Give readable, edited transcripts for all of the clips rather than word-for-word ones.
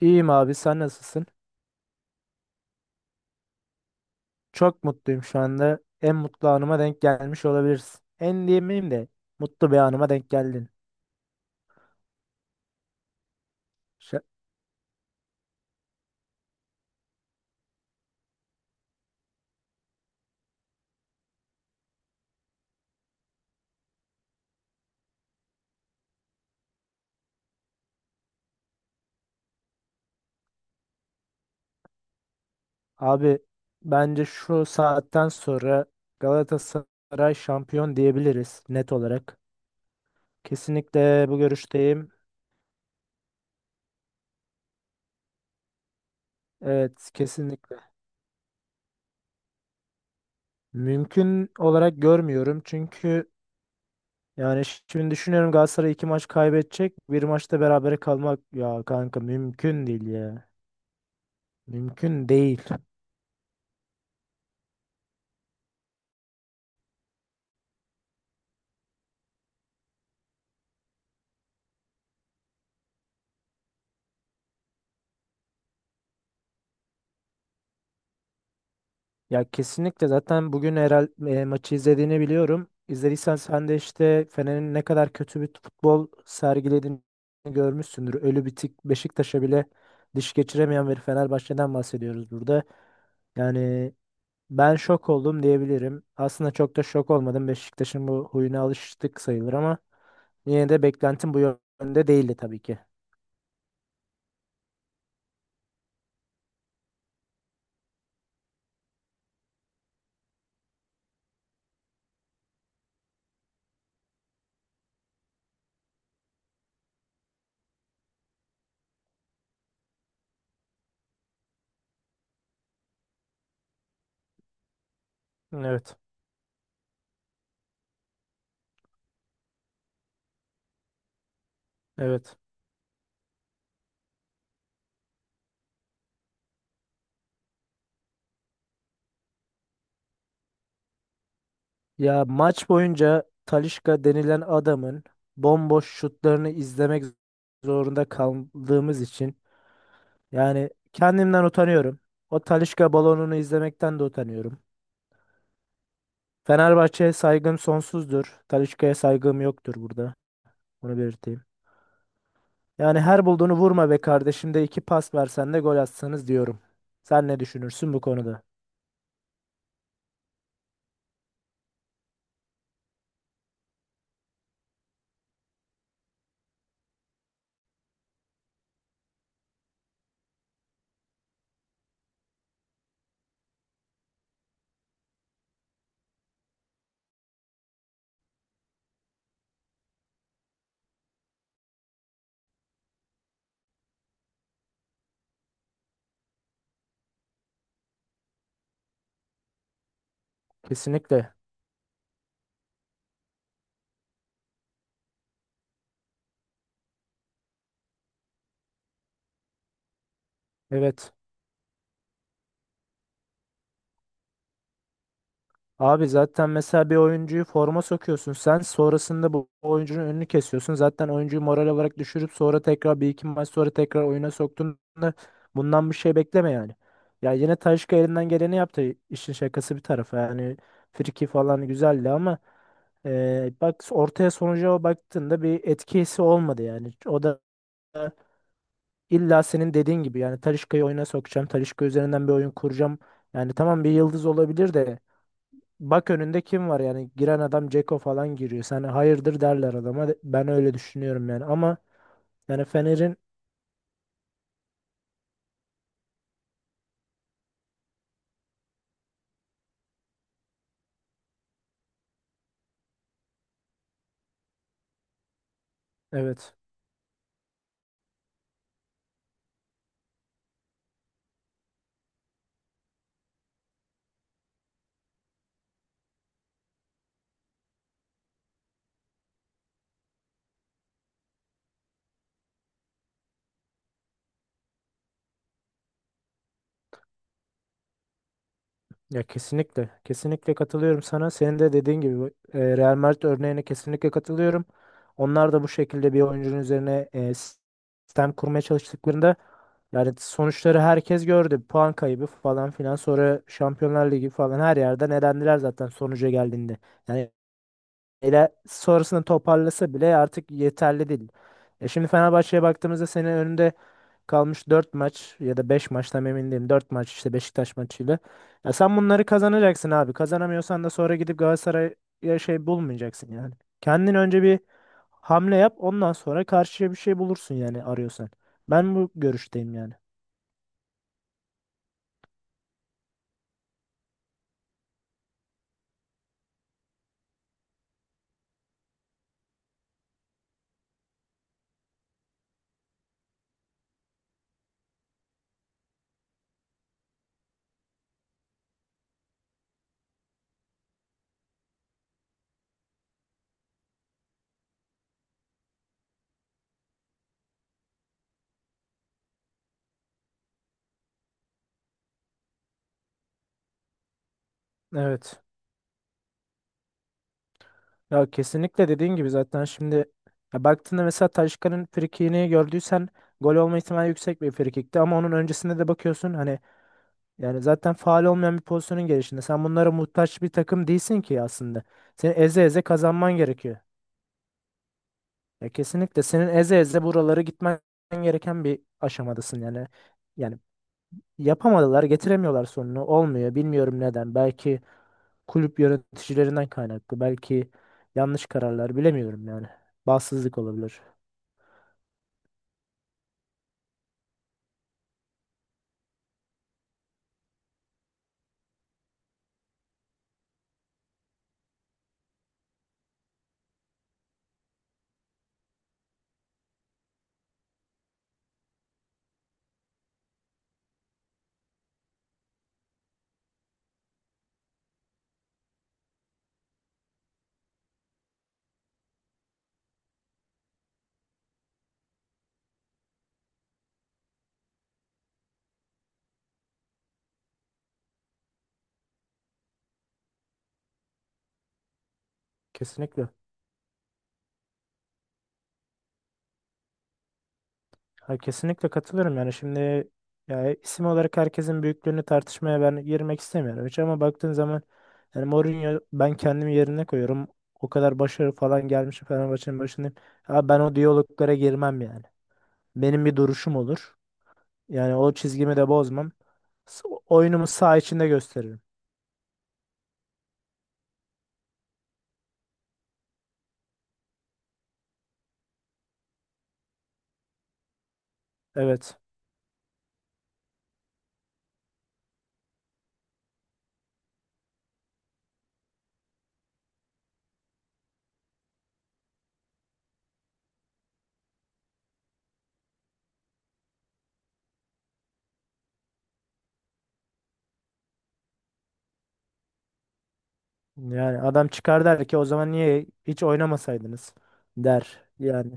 İyiyim abi sen nasılsın? Çok mutluyum şu anda. En mutlu anıma denk gelmiş olabilirsin. En diyemeyeyim de mutlu bir anıma denk geldin. Ş- abi bence şu saatten sonra Galatasaray şampiyon diyebiliriz net olarak. Kesinlikle bu görüşteyim. Evet kesinlikle. Mümkün olarak görmüyorum çünkü yani şimdi düşünüyorum Galatasaray iki maç kaybedecek. Bir maçta berabere kalmak ya kanka mümkün değil ya. Mümkün değil. Ya kesinlikle zaten bugün maçı izlediğini biliyorum. İzlediysen sen de işte Fener'in ne kadar kötü bir futbol sergilediğini görmüşsündür. Ölü bitik Beşiktaş'a bile diş geçiremeyen bir Fenerbahçe'den bahsediyoruz burada. Yani ben şok oldum diyebilirim. Aslında çok da şok olmadım. Beşiktaş'ın bu huyuna alıştık sayılır ama yine de beklentim bu yönde değildi tabii ki. Evet. Evet. Ya maç boyunca Talisca denilen adamın bomboş şutlarını izlemek zorunda kaldığımız için yani kendimden utanıyorum. O Talisca balonunu izlemekten de utanıyorum. Fenerbahçe'ye saygım sonsuzdur. Talisca'ya saygım yoktur burada. Bunu belirteyim. Yani her bulduğunu vurma be kardeşim de iki pas versen de gol atsanız diyorum. Sen ne düşünürsün bu konuda? Kesinlikle. Evet. Abi zaten mesela bir oyuncuyu forma sokuyorsun sen sonrasında bu oyuncunun önünü kesiyorsun. Zaten oyuncuyu moral olarak düşürüp sonra tekrar bir iki maç sonra tekrar oyuna soktuğunda bundan bir şey bekleme yani. Ya yine Talisca elinden geleni yaptı işin şakası bir tarafa yani friki falan güzeldi ama bak ortaya sonuca baktığında bir etkisi olmadı yani. O da illa senin dediğin gibi yani Talisca'yı oyuna sokacağım Talisca üzerinden bir oyun kuracağım. Yani tamam bir yıldız olabilir de bak önünde kim var yani giren adam Ceko falan giriyor. Sen hayırdır derler adama. Ben öyle düşünüyorum yani ama yani Fener'in evet ya kesinlikle kesinlikle katılıyorum sana. Senin de dediğin gibi bu, Real Madrid örneğine kesinlikle katılıyorum. Onlar da bu şekilde bir oyuncunun üzerine sistem kurmaya çalıştıklarında yani sonuçları herkes gördü. Puan kaybı falan filan sonra Şampiyonlar Ligi falan her yerden elendiler zaten sonuca geldiğinde. Yani ile sonrasını toparlasa bile artık yeterli değil. E şimdi Fenerbahçe'ye baktığımızda senin önünde kalmış 4 maç ya da 5 maç tam emin değilim. 4 maç işte Beşiktaş maçıyla. Ya sen bunları kazanacaksın abi. Kazanamıyorsan da sonra gidip Galatasaray'a şey bulmayacaksın yani. Kendin önce bir hamle yap ondan sonra karşıya bir şey bulursun yani arıyorsan. Ben bu görüşteyim yani. Evet. Ya kesinlikle dediğin gibi zaten şimdi ya baktığında mesela Taşkan'ın frikini gördüysen gol olma ihtimali yüksek bir frikikti ama onun öncesinde de bakıyorsun hani yani zaten faal olmayan bir pozisyonun gelişinde sen bunlara muhtaç bir takım değilsin ki aslında. Senin eze eze kazanman gerekiyor. Ya kesinlikle senin eze eze buraları gitmen gereken bir aşamadasın yani. Yani yapamadılar, getiremiyorlar sonunu. Olmuyor. Bilmiyorum neden. Belki kulüp yöneticilerinden kaynaklı. Belki yanlış kararlar bilemiyorum yani. Bağımsızlık olabilir. Kesinlikle. Ha, kesinlikle katılıyorum yani şimdi ya isim olarak herkesin büyüklüğünü tartışmaya ben girmek istemiyorum hiç ama baktığın zaman yani Mourinho ben kendimi yerine koyuyorum. O kadar başarı falan gelmiş Fenerbahçe'nin başındayım. Ha, ben o diyaloglara girmem yani. Benim bir duruşum olur. Yani o çizgimi de bozmam. Oyunumu saha içinde gösteririm. Evet. Yani adam çıkar der ki o zaman niye hiç oynamasaydınız der. Yani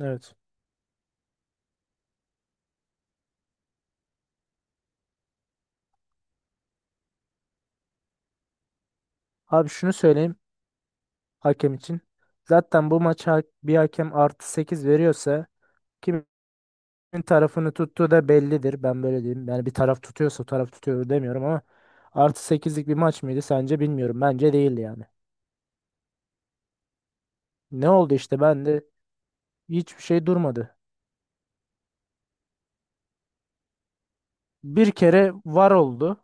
evet. Abi şunu söyleyeyim hakem için. Zaten bu maça bir hakem artı 8 veriyorsa kimin tarafını tuttuğu da bellidir. Ben böyle diyeyim. Yani bir taraf tutuyorsa o taraf tutuyor demiyorum ama artı sekizlik bir maç mıydı sence bilmiyorum. Bence değildi yani. Ne oldu işte ben de hiçbir şey durmadı. Bir kere var oldu.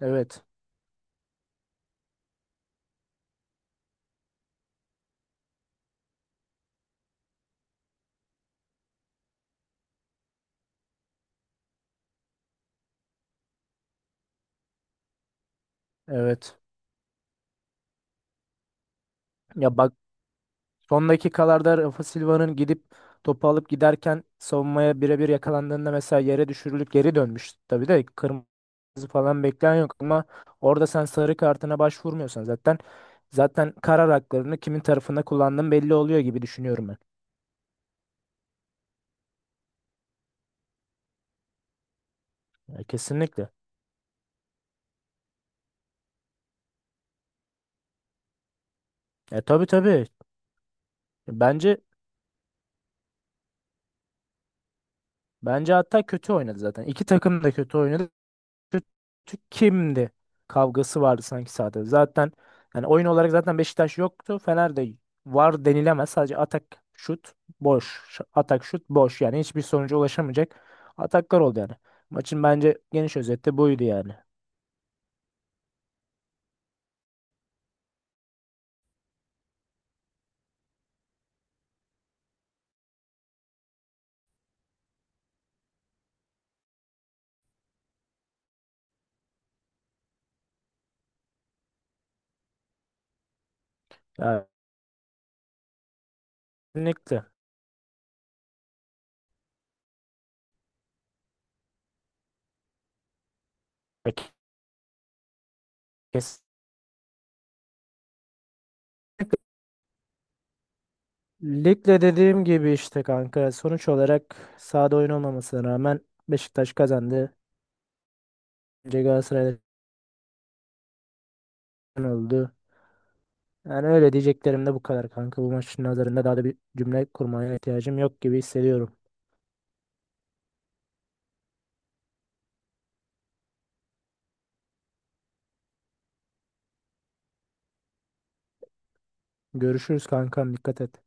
Evet. Evet. Ya bak son dakikalarda Rafa Silva'nın gidip topu alıp giderken savunmaya birebir yakalandığında mesela yere düşürülüp geri dönmüş. Tabii de kırmızı falan bekleyen yok ama orada sen sarı kartına başvurmuyorsan zaten karar haklarını kimin tarafında kullandığın belli oluyor gibi düşünüyorum ben. Ya kesinlikle. E tabii tabii. Bence bence hatta kötü oynadı zaten. İki takım da kötü oynadı. Kötü kimdi kavgası vardı sanki sahada. Zaten yani oyun olarak zaten Beşiktaş yoktu. Fener de var denilemez. Sadece atak şut boş. Atak şut boş. Yani hiçbir sonuca ulaşamayacak ataklar oldu yani. Maçın bence geniş özeti buydu yani. Yani kesinlikle. Kesinlikle. Ligde dediğim gibi işte kanka sonuç olarak sahada oyun olmamasına rağmen Beşiktaş kazandı. Önce Galatasaray'da oldu. Yani öyle diyeceklerim de bu kadar kanka. Bu maçın nazarında daha da bir cümle kurmaya ihtiyacım yok gibi hissediyorum. Görüşürüz kankam dikkat et.